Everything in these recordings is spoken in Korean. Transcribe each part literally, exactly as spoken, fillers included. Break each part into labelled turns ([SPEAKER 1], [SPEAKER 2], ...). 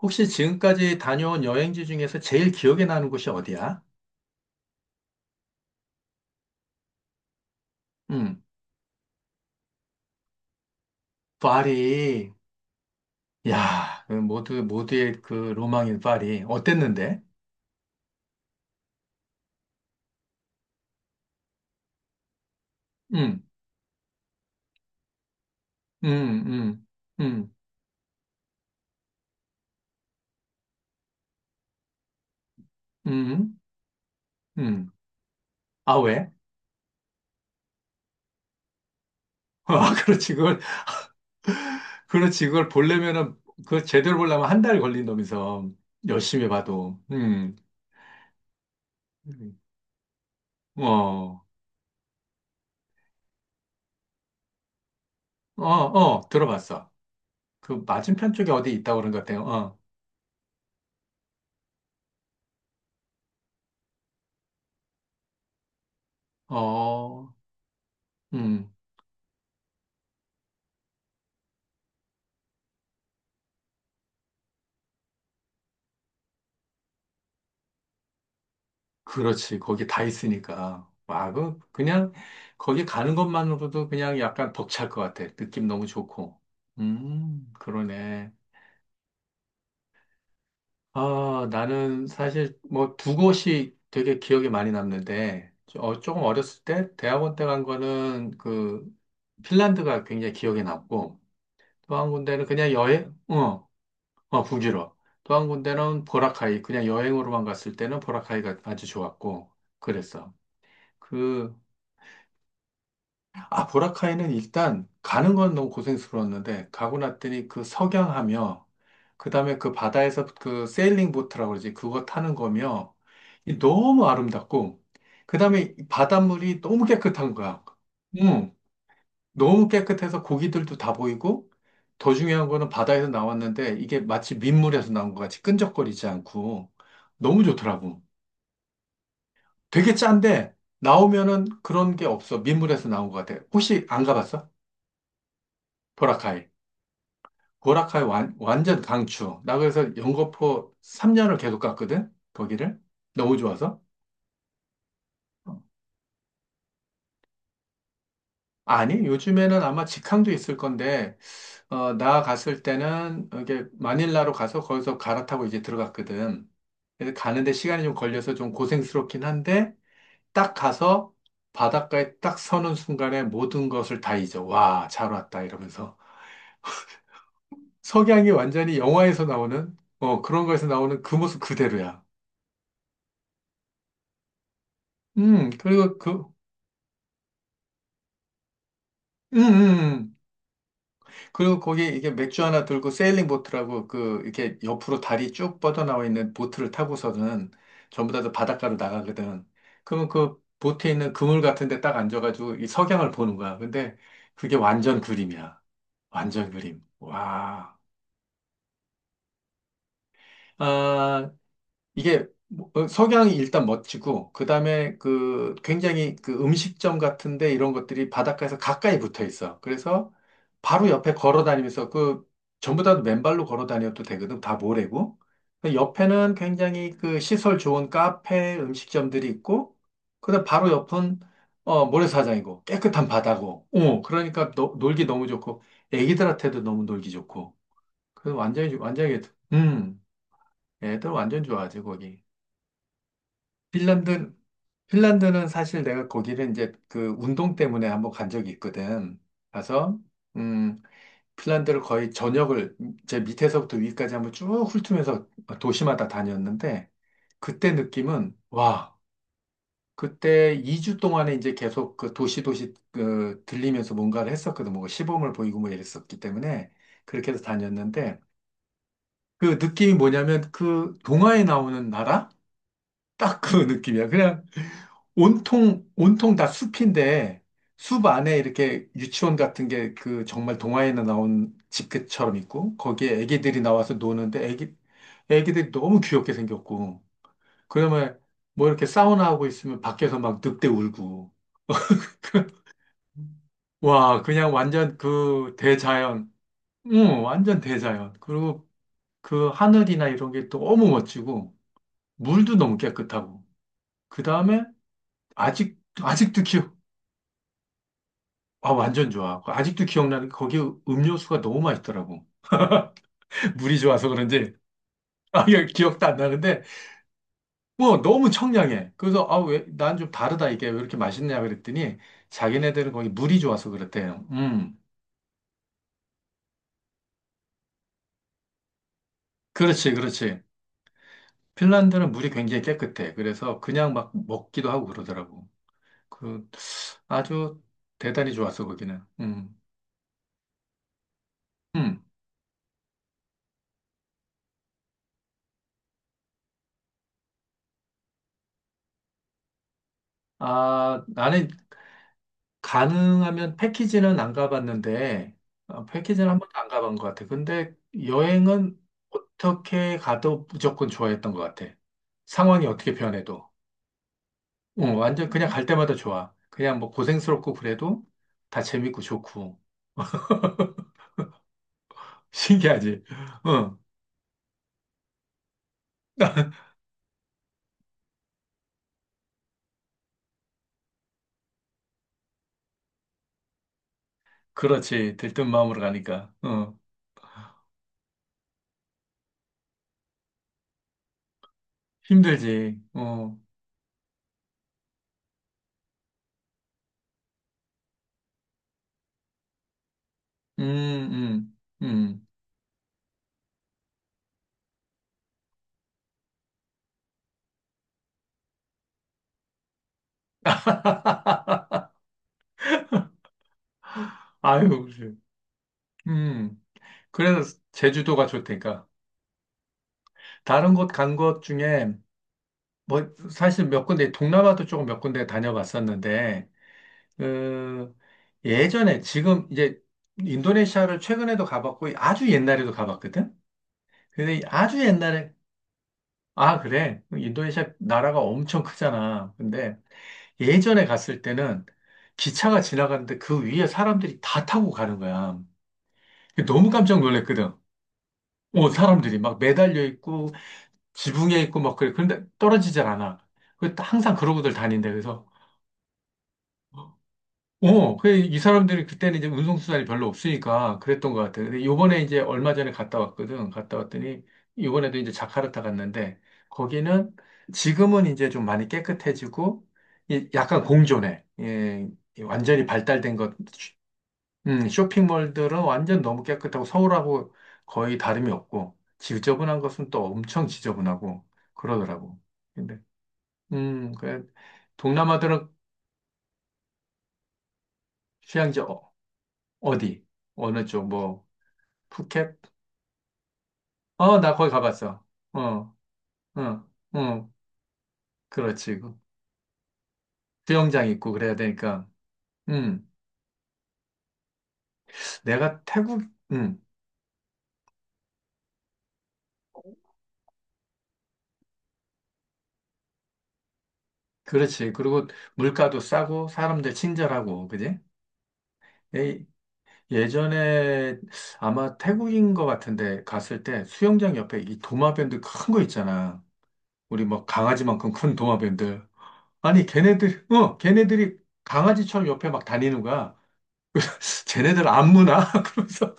[SPEAKER 1] 혹시 지금까지 다녀온 여행지 중에서 제일 기억에 나는 곳이 어디야? 응, 파리. 야, 그 모두, 모두의 그 로망인 파리. 어땠는데? 응, 응, 응, 응, 응, 응. 아, 왜? 아, 그렇지. 그걸, 그렇지. 그걸 보려면은, 그걸 제대로 보려면 한 달 걸린다면서. 열심히 봐도. 응, 음. 어, 어, 어, 들어봤어. 그 맞은편 쪽에 어디 있다고 그런 것 같아요. 어, 어, 음. 그렇지. 거기 다 있으니까. 와, 그, 그냥, 거기 가는 것만으로도 그냥 약간 벅찰 것 같아. 느낌 너무 좋고. 음, 그러네. 아, 나는 사실 뭐 두 곳이 되게 기억에 많이 남는데, 어, 조금 어렸을 때, 대학원 때 간 거는 그, 핀란드가 굉장히 기억에 남고, 또 한 군데는 그냥 여행, 어, 어, 북유럽. 또 한 군데는 보라카이, 그냥 여행으로만 갔을 때는 보라카이가 아주 좋았고, 그랬어. 그, 아, 보라카이는 일단 가는 건 너무 고생스러웠는데 가고 났더니 그 석양하며 그다음에 그 바다에서 그 세일링 보트라고 그러지 그거 타는 거며 이 너무 아름답고 그다음에 이 바닷물이 너무 깨끗한 거야. 응, 너무 깨끗해서 고기들도 다 보이고 더 중요한 거는 바다에서 나왔는데 이게 마치 민물에서 나온 것 같이 끈적거리지 않고 너무 좋더라고. 되게 짠데 나오면은 그런 게 없어. 민물에서 나온 것 같아. 혹시 안 가봤어? 보라카이. 고라카이 완, 완전 강추. 나 그래서 영거포 삼 년을 계속 갔거든? 거기를. 너무 좋아서. 어. 아니, 요즘에는 아마 직항도 있을 건데, 어, 나 갔을 때는 이게 마닐라로 가서 거기서 갈아타고 이제 들어갔거든. 그래서 가는데 시간이 좀 걸려서 좀 고생스럽긴 한데, 딱 가서 바닷가에 딱 서는 순간에 모든 것을 다 잊어. 와, 잘 왔다. 이러면서. 석양이 완전히 영화에서 나오는, 어, 그런 거에서 나오는 그 모습 그대로야. 음, 그리고 그, 음, 음. 그리고 거기 이게 맥주 하나 들고 세일링 보트라고 그 이렇게 옆으로 다리 쭉 뻗어나와 있는 보트를 타고서는 전부 다들 바닷가로 나가거든. 그러면 그 보트에 있는 그물 같은 데 딱 앉아가지고 이 석양을 보는 거야. 근데 그게 완전 그림이야. 완전 그림. 와. 아, 이게 뭐, 어, 석양이 일단 멋지고 그다음에 그 굉장히 그 음식점 같은데 이런 것들이 바닷가에서 가까이 붙어 있어. 그래서 바로 옆에 걸어 다니면서 그 전부 다 맨발로 걸어 다녀도 되거든. 다 모래고. 근데 옆에는 굉장히 그 시설 좋은 카페, 음식점들이 있고 그다음 바로 옆은 어 모래사장이고 깨끗한 바다고. 어 그러니까 노- 놀기 너무 좋고 애기들한테도 너무 놀기 좋고. 그래서 완전히 완전히 음 애들 완전 좋아하지 거기. 핀란드, 핀란드는 사실 내가 거기를 이제 그 운동 때문에 한번 간 적이 있거든. 가서, 음, 핀란드를 거의 전역을 제 밑에서부터 위까지 한번 쭉 훑으면서 도시마다 다녔는데, 그때 느낌은, 와, 그때 이 주 동안에 이제 계속 그 도시 도시 그 들리면서 뭔가를 했었거든. 뭐 시범을 보이고 뭐 이랬었기 때문에 그렇게 해서 다녔는데, 그 느낌이 뭐냐면 그 동화에 나오는 나라? 딱 그 느낌이야. 그냥 온통, 온통 다 숲인데, 숲 안에 이렇게 유치원 같은 게 그 정말 동화에나 나온 집처럼 있고, 거기에 애기들이 나와서 노는데, 애기, 애기들이 너무 귀엽게 생겼고, 그러면 뭐 이렇게 사우나 하고 있으면 밖에서 막 늑대 울고, 와, 그냥 완전 그 대자연, 응, 완전 대자연. 그리고 그 하늘이나 이런 게 너무 멋지고, 물도 너무 깨끗하고, 그 다음에 아직, 아직도 기워 아, 완전 좋아. 아직도 기억나는 게 거기 음료수가 너무 맛있더라고. 물이 좋아서 그런지. 아, 이거 기억도 안 나는데, 뭐, 너무 청량해. 그래서, 아, 왜, 난 좀 다르다, 이게. 왜 이렇게 맛있냐, 그랬더니, 자기네들은 거기 물이 좋아서 그랬대요. 음, 그렇지, 그렇지. 핀란드는 물이 굉장히 깨끗해. 그래서 그냥 막 먹기도 하고 그러더라고. 그, 아주 대단히 좋았어, 거기는. 음, 음. 아, 나는 가능하면 패키지는 안 가봤는데, 어, 패키지는 한 번도 안 가본 것 같아. 근데 여행은 어떻게 가도 무조건 좋아했던 것 같아. 상황이 어떻게 변해도. 응, 완전 그냥 갈 때마다 좋아. 그냥 뭐 고생스럽고 그래도 다 재밌고 좋고. 신기하지? 응, 그렇지. 들뜬 마음으로 가니까. 어. 힘들지. 어, 음, 음, 음. 아유, 그래. 음. 그래서 제주도가 좋다니까. 다른 곳 간 것 중에 뭐 사실 몇 군데 동남아도 조금 몇 군데 다녀봤었는데 그 예전에 지금 이제 인도네시아를 최근에도 가봤고 아주 옛날에도 가봤거든. 근데 이 아주 옛날에. 아, 그래, 인도네시아 나라가 엄청 크잖아. 근데 예전에 갔을 때는 기차가 지나가는데 그 위에 사람들이 다 타고 가는 거야. 너무 깜짝 놀랐거든. 오, 사람들이 막 매달려 있고 지붕에 있고 막 그래. 그런데 떨어지질 않아. 그 항상 그러고들 다닌대. 그래서 어, 그, 이 사람들이 그때는 이제 운송수단이 별로 없으니까 그랬던 것 같아요. 근데 요번에 이제 얼마 전에 갔다 왔거든. 갔다 왔더니, 요번에도 이제 자카르타 갔는데, 거기는 지금은 이제 좀 많이 깨끗해지고, 이- 약간 공존해. 예, 이 완전히 발달된 것. 쇼- 음, 쇼핑몰들은 완전 너무 깨끗하고 서울하고 거의 다름이 없고, 지저분한 것은 또 엄청 지저분하고 그러더라고. 근데, 음, 그, 동남아들은 휴양지 어- 어디? 어느 쪽, 뭐, 푸켓? 어, 나 거기 가봤어. 어, 어, 어, 그렇지. 그 수영장 있고 그래야 되니까. 음, 내가 태국. 음, 그렇지. 그리고 물가도 싸고 사람들 친절하고, 그지? 예. 예전에 아마 태국인 것 같은데 갔을 때 수영장 옆에 이 도마뱀들 큰 거 있잖아. 우리 뭐 강아지만큼 큰 도마뱀들. 아니, 걔네들, 어, 걔네들이 강아지처럼 옆에 막 다니는 거야. 쟤네들 안 무나? 그러면서.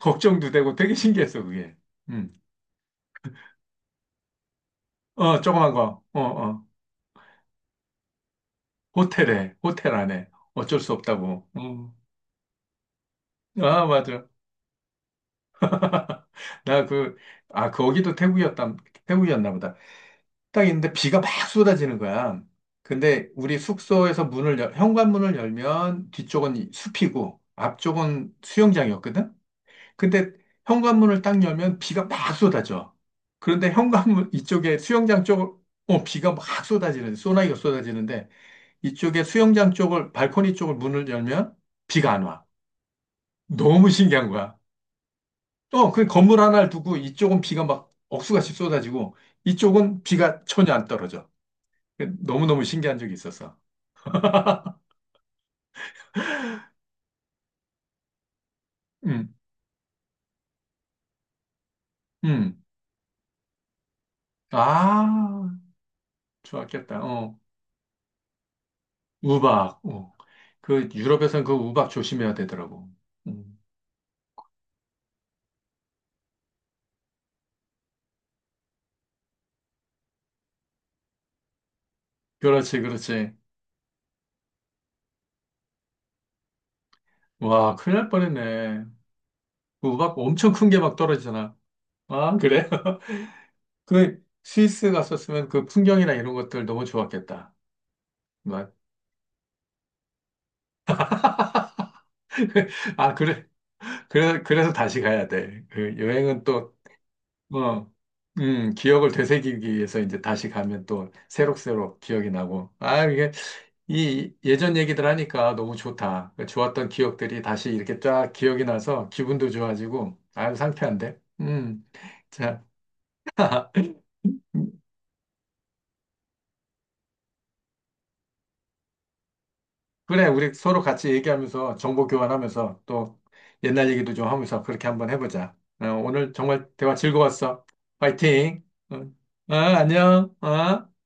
[SPEAKER 1] 걱정도 되고 되게 신기했어, 그게. 음. 어, 조그만 거. 어, 어. 호텔에, 호텔 안에. 어쩔 수 없다고. 음. 아, 맞아. 나 그, 아, 거기도 태국이었다, 태국이었나 보다. 딱 있는데 비가 막 쏟아지는 거야. 근데 우리 숙소에서 문을, 열, 현관문을 열면 뒤쪽은 이 숲이고 앞쪽은 수영장이었거든? 근데 현관문을 딱 열면 비가 막 쏟아져. 그런데 현관문 이쪽에 수영장 쪽, 어, 비가 막 쏟아지는데, 소나기가 쏟아지는데 이쪽에 수영장 쪽을, 발코니 쪽을 문을 열면 비가 안 와. 너무 신기한 거야. 어, 그 건물 하나를 두고 이쪽은 비가 막 억수같이 쏟아지고 이쪽은 비가 전혀 안 떨어져. 그 너무너무 신기한 적이 있었어. 음, 음. 아, 좋았겠다. 어, 우박. 어. 그 유럽에선 그 우박 조심해야 되더라고. 음. 그렇지, 그렇지. 와, 큰일 날 뻔했네. 그 우박 엄청 큰 게 막 떨어지잖아. 아, 그래? 그 스위스 갔었으면 그 풍경이나 이런 것들 너무 좋았겠다. 막. 아, 그래, 그래. 그래서 다시 가야 돼. 그 여행은 또, 어, 음, 기억을 되새기기 위해서 이제 다시 가면 또 새록새록 기억이 나고. 아, 이게, 이 예전 얘기들 하니까 너무 좋다. 그 좋았던 기억들이 다시 이렇게 쫙 기억이 나서 기분도 좋아지고, 아유, 상쾌한데? 음, 자. 그래, 우리 서로 같이 얘기하면서 정보 교환하면서 또 옛날 얘기도 좀 하면서 그렇게 한번 해보자. 어, 오늘 정말 대화 즐거웠어. 파이팅! 어, 어, 안녕! 어?